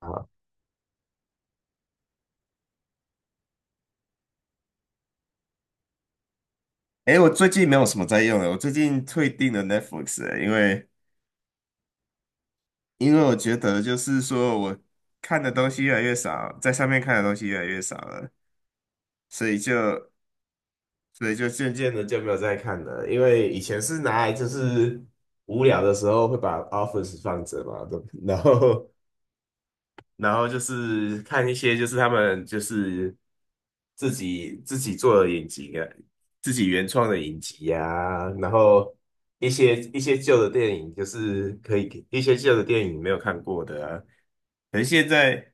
啊，哎，我最近没有什么在用了。我最近退订了 Netflix，了因为因为我觉得就是说我看的东西越来越少，在上面看的东西越来越少了，所以就所以就渐渐的就没有再看了。因为以前是拿来就是无聊的时候会把 Office 放着嘛。对，不然后就是看一些，就是他们就是自己做的影集啊，自己原创的影集啊。然后一些旧的电影就是可以，一些旧的电影没有看过的啊。可是现在，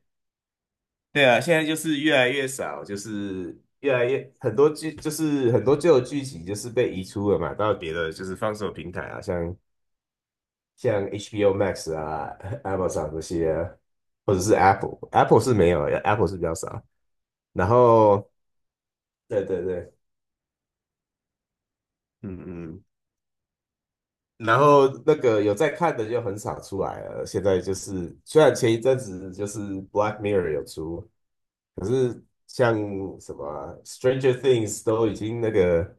对啊，现在就是越来越少，就是越来越，很多剧就是很多旧的剧情就是被移出了嘛，到别的就是放手平台啊，像。像 HBO Max 啊、Amazon 这些，或者是 Apple，Apple 是没有，Apple 是比较少。然后，对对对，嗯嗯，然后那个有在看的就很少出来了。现在就是，虽然前一阵子就是《Black Mirror》有出，可是像什么啊 Stranger Things》都已经那个，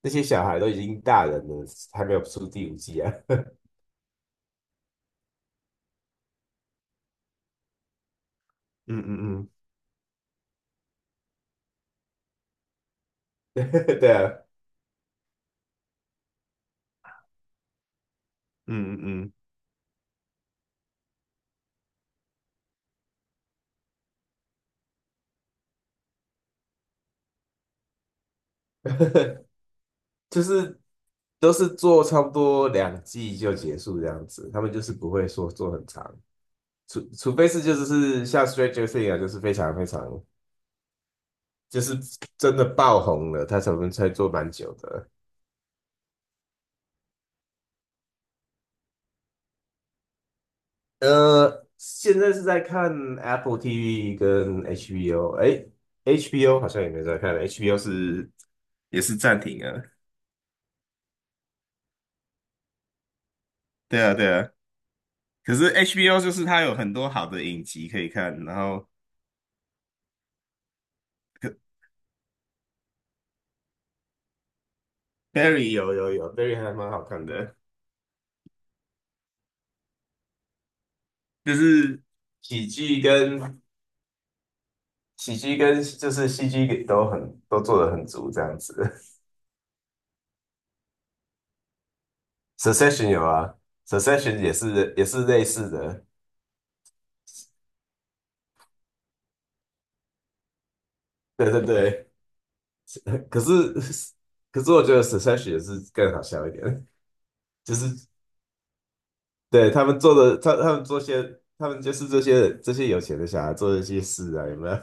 那些小孩都已经大人了，还没有出第五季啊。嗯嗯嗯，对啊。嗯嗯嗯，就是都是做差不多两季就结束这样子，他们就是不会说做很长。除非是就是是像 Stranger Things 啊，就是非常非常，就是真的爆红了，他才能才做蛮久的。现在是在看 Apple TV 跟 HBO。哎，HBO 好像也没在看，HBO 是也是暂停啊。对啊，对啊。可是 HBO 就是它有很多好的影集可以看。然后 Barry 有，Barry 还蛮好看的。就是喜剧跟，喜剧跟就是戏剧都很，都做的很足这样子。Succession 有啊，Succession 也是也是类似的。对对对。可是，可是我觉得 Succession 也是更好笑一点。就是对他们做的，他他们做些，他们就是这些有钱的小孩做的一些事啊，有没有？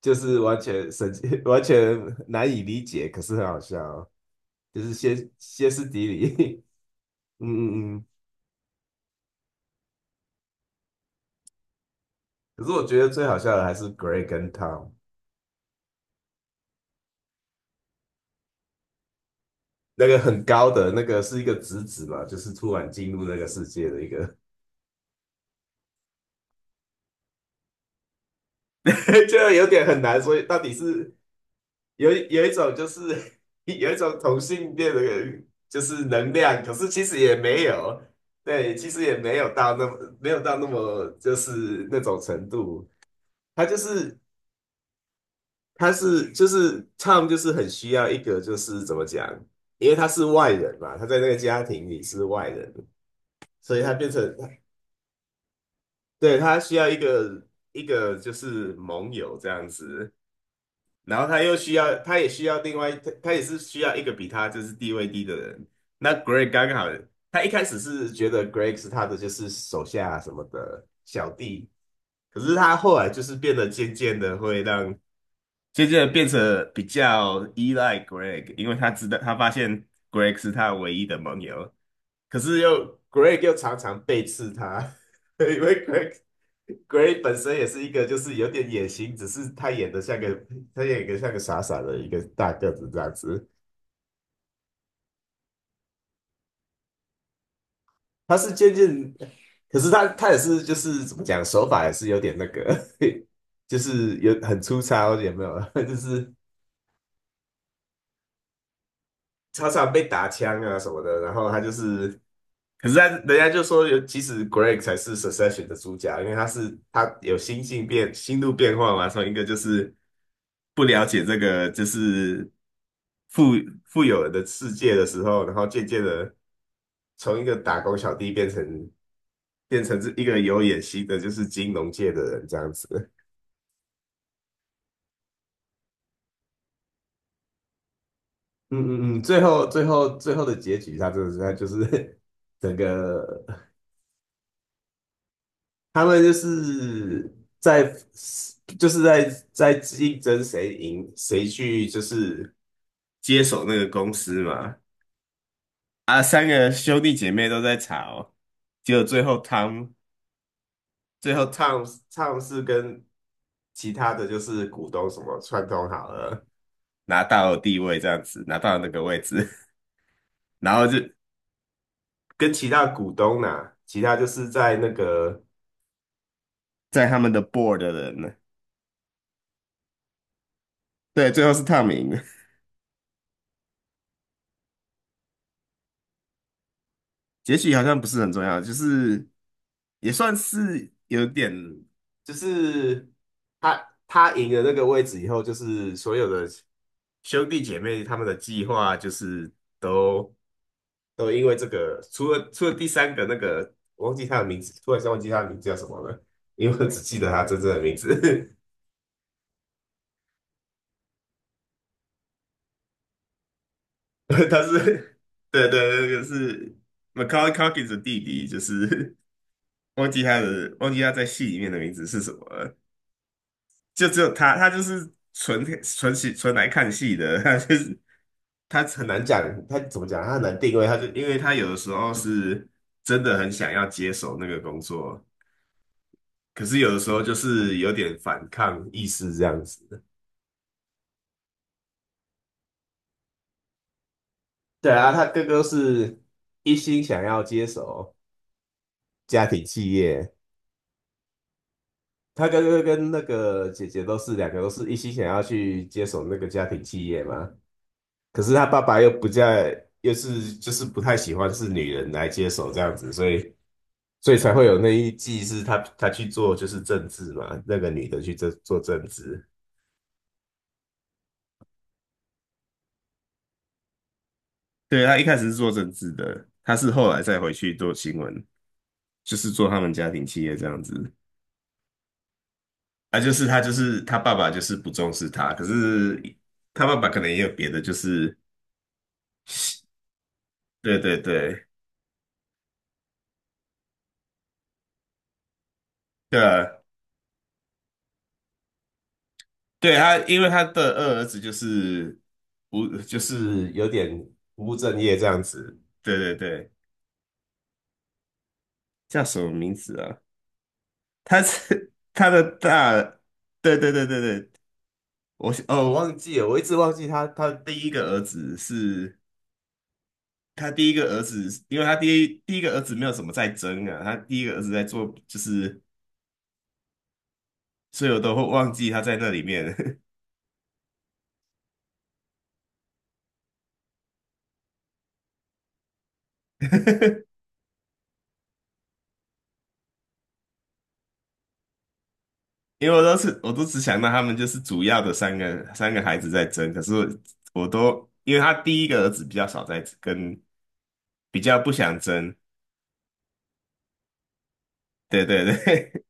就是完全神经， 完全难以理解，可是很好笑哦，就是歇斯底里。嗯嗯嗯，可是我觉得最好笑的还是 Greg 跟 Tom。那个很高的那个是一个侄子嘛，就是突然进入那个世界的一个。就有点很难，所以到底是，有一种就是， 有一种同性恋的就是能量，可是其实也没有，对，其实也没有到那么，没有到那么就是那种程度。他就是，他是就是 Tom 就是很需要一个就是，怎么讲，因为他是外人嘛，他在那个家庭里是外人。所以他变成，对，他需要一个就是盟友这样子。然后他又需要，他也需要另外，他也是需要一个比他就是地位低的人。那 Greg 刚好，他一开始是觉得 Greg 是他的就是手下什么的小弟。可是他后来就是变得渐渐的会让，渐渐的变成比较依赖 Greg，因为他知道，他发现 Greg 是他唯一的盟友。可是又， Greg 又常常背刺他。因为 Greg， g r e y 本身也是一个就是有点野心，只是他演的像个，他演一个像个傻傻的一个大个子这样子。他是渐渐，可是他，他也是就是怎么讲，手法也是有点那个，就是有很粗糙，有没有？就是常常被打枪啊什么的。然后他就是，可是他，人家就说有，其实 Greg 才是 Succession 的主角，因为他是他有心路变化嘛。从一个就是，不了解这个就是富，富有的世界的时候，然后渐渐的从一个打工小弟变成，变成是一个有野心的，就是金融界的人这样子。嗯嗯嗯，最后的结局，他真的是他就是 整个，他们就是在，就是在竞争，谁赢，谁去就是接手那个公司嘛。啊，三个兄弟姐妹都在吵。结果最后唱，唱是跟其他的就是股东什么串通好了，拿到地位这样子，拿到那个位置。然后就跟其他股东呐、其他就是在那个，在他们的 board 的人呢。对，最后是 Tom 赢了。结局好像不是很重要，就是也算是有点，就是他，他赢了那个位置以后，就是所有的兄弟姐妹，他们的计划就是都，都因为这个，除了第三个那个，我忘记他的名字，突然间忘记他的名字叫什么了。因为我只记得他真正的名字。他是，对对，那个是 Macaulay Culkin 的弟弟，就是 忘记他的，忘记他在戏里面的名字是什么了。就只有他，他就是纯，纯戏，纯来看戏的。他就是，他很难讲，他怎么讲，他很难定位。他就因为他有的时候是真的很想要接手那个工作，可是有的时候就是有点反抗意识这样子。对啊，他哥哥是一心想要接手家庭企业。他哥哥跟那个姐姐都是两个都是一心想要去接手那个家庭企业嘛。可是他爸爸又不在，又是就是不太喜欢是女人来接手这样子。所以，所以才会有那一季是他，他去做就是政治嘛，那个女的去做，做政治。对，他一开始是做政治的，他是后来再回去做新闻，就是做他们家庭企业这样子。啊，就是他，就是他爸爸就是不重视他，可是他爸爸可能也有别的，就是对对对，对啊，对他，因为他的二儿子就是无，就是有点不务正业这样子。对对对，叫什么名字啊？他是 他的大，对对对对对，我，哦，我忘记了，我一直忘记他的第一个儿子是，他第一个儿子，因为他第一个儿子没有什么在争啊，他第一个儿子在做就是，所以我都会忘记他在那里面。因为我都是，我都只想到他们就是主要的三个孩子在争，可是我都因为他第一个儿子比较少在跟，比较不想争。对对对，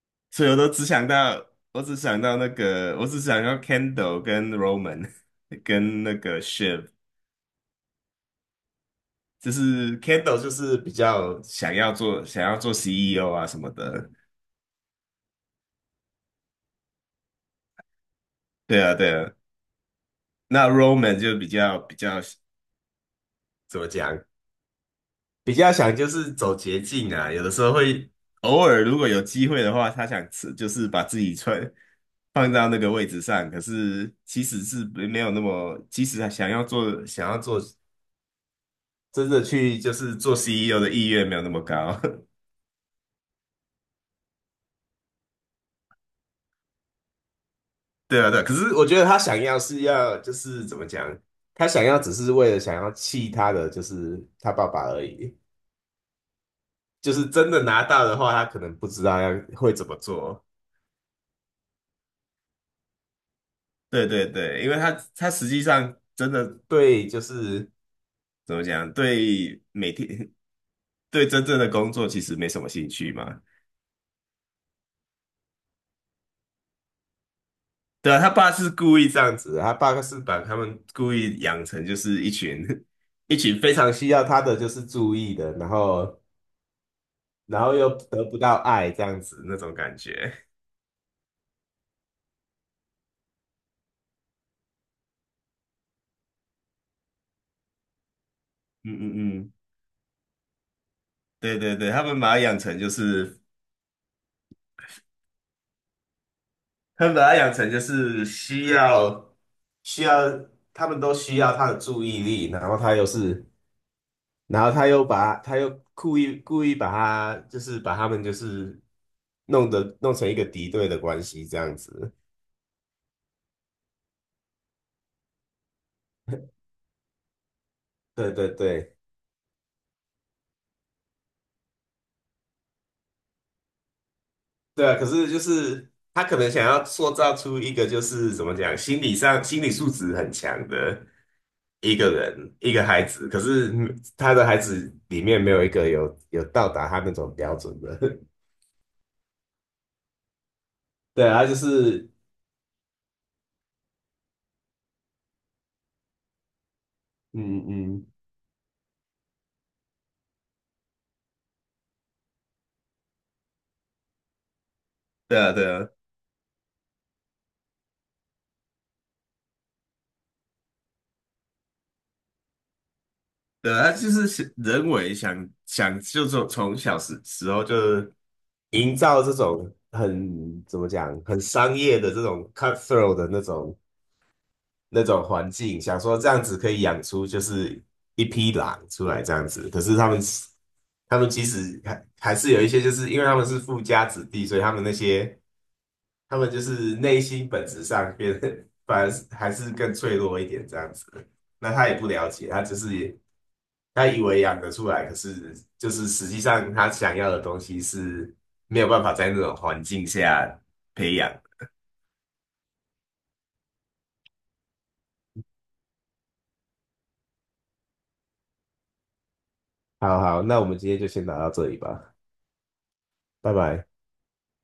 所以我都只想到，我只想到那个，我只想到 Kendall 跟 Roman， 跟那个 Shiv。就是 Kendall 就是比较想要做 CEO 啊什么的。对啊对啊，那 Roman 就比较。怎么讲？比较想就是走捷径啊。有的时候会偶尔，如果有机会的话，他想吃就是把自己穿放到那个位置上，可是其实是没有那么，其实他想要做，想要做真的去就是做 CEO 的意愿没有那么高。对啊对啊，可是我觉得他想要是要就是怎么讲，他想要只是为了想要气他的就是他爸爸而已，就是真的拿到的话，他可能不知道要，会怎么做。对对对，因为他，他实际上真的对，就是怎么讲，对每天，对真正的工作其实没什么兴趣嘛。对啊，他爸是故意这样子的，他爸是把他们故意养成就是一群， 一群非常需要他的就是注意的，然后，然后又得不到爱这样子那种感觉。嗯嗯嗯，对对对，他们把他养成就是，他们把他养成就是需要，需要，他们都需要他的注意力。然后他又是，然后他又把他，又故意把他，就是把他们就是弄得，弄成一个敌对的关系这样子。对对对，对啊，可是就是他可能想要塑造出一个就是怎么讲，心理上心理素质很强的一个人，一个孩子。可是嗯他的孩子里面没有一个有到达他那种标准的。对啊，就是嗯嗯，对啊，对啊，对啊，他就是想人为想想，就从，从小时候就营造这种很怎么讲，很商业的这种 cutthroat 的那种那种环境，想说这样子可以养出就是一匹狼出来这样子。可是他们，他们其实还，还是有一些，就是因为他们是富家子弟，所以他们那些。他们就是内心本质上变得反而是还是更脆弱一点这样子。那他也不了解，他只是也，他以为养得出来，可是就是实际上他想要的东西是没有办法在那种环境下培养。好好，那我们今天就先聊到这里吧，拜拜。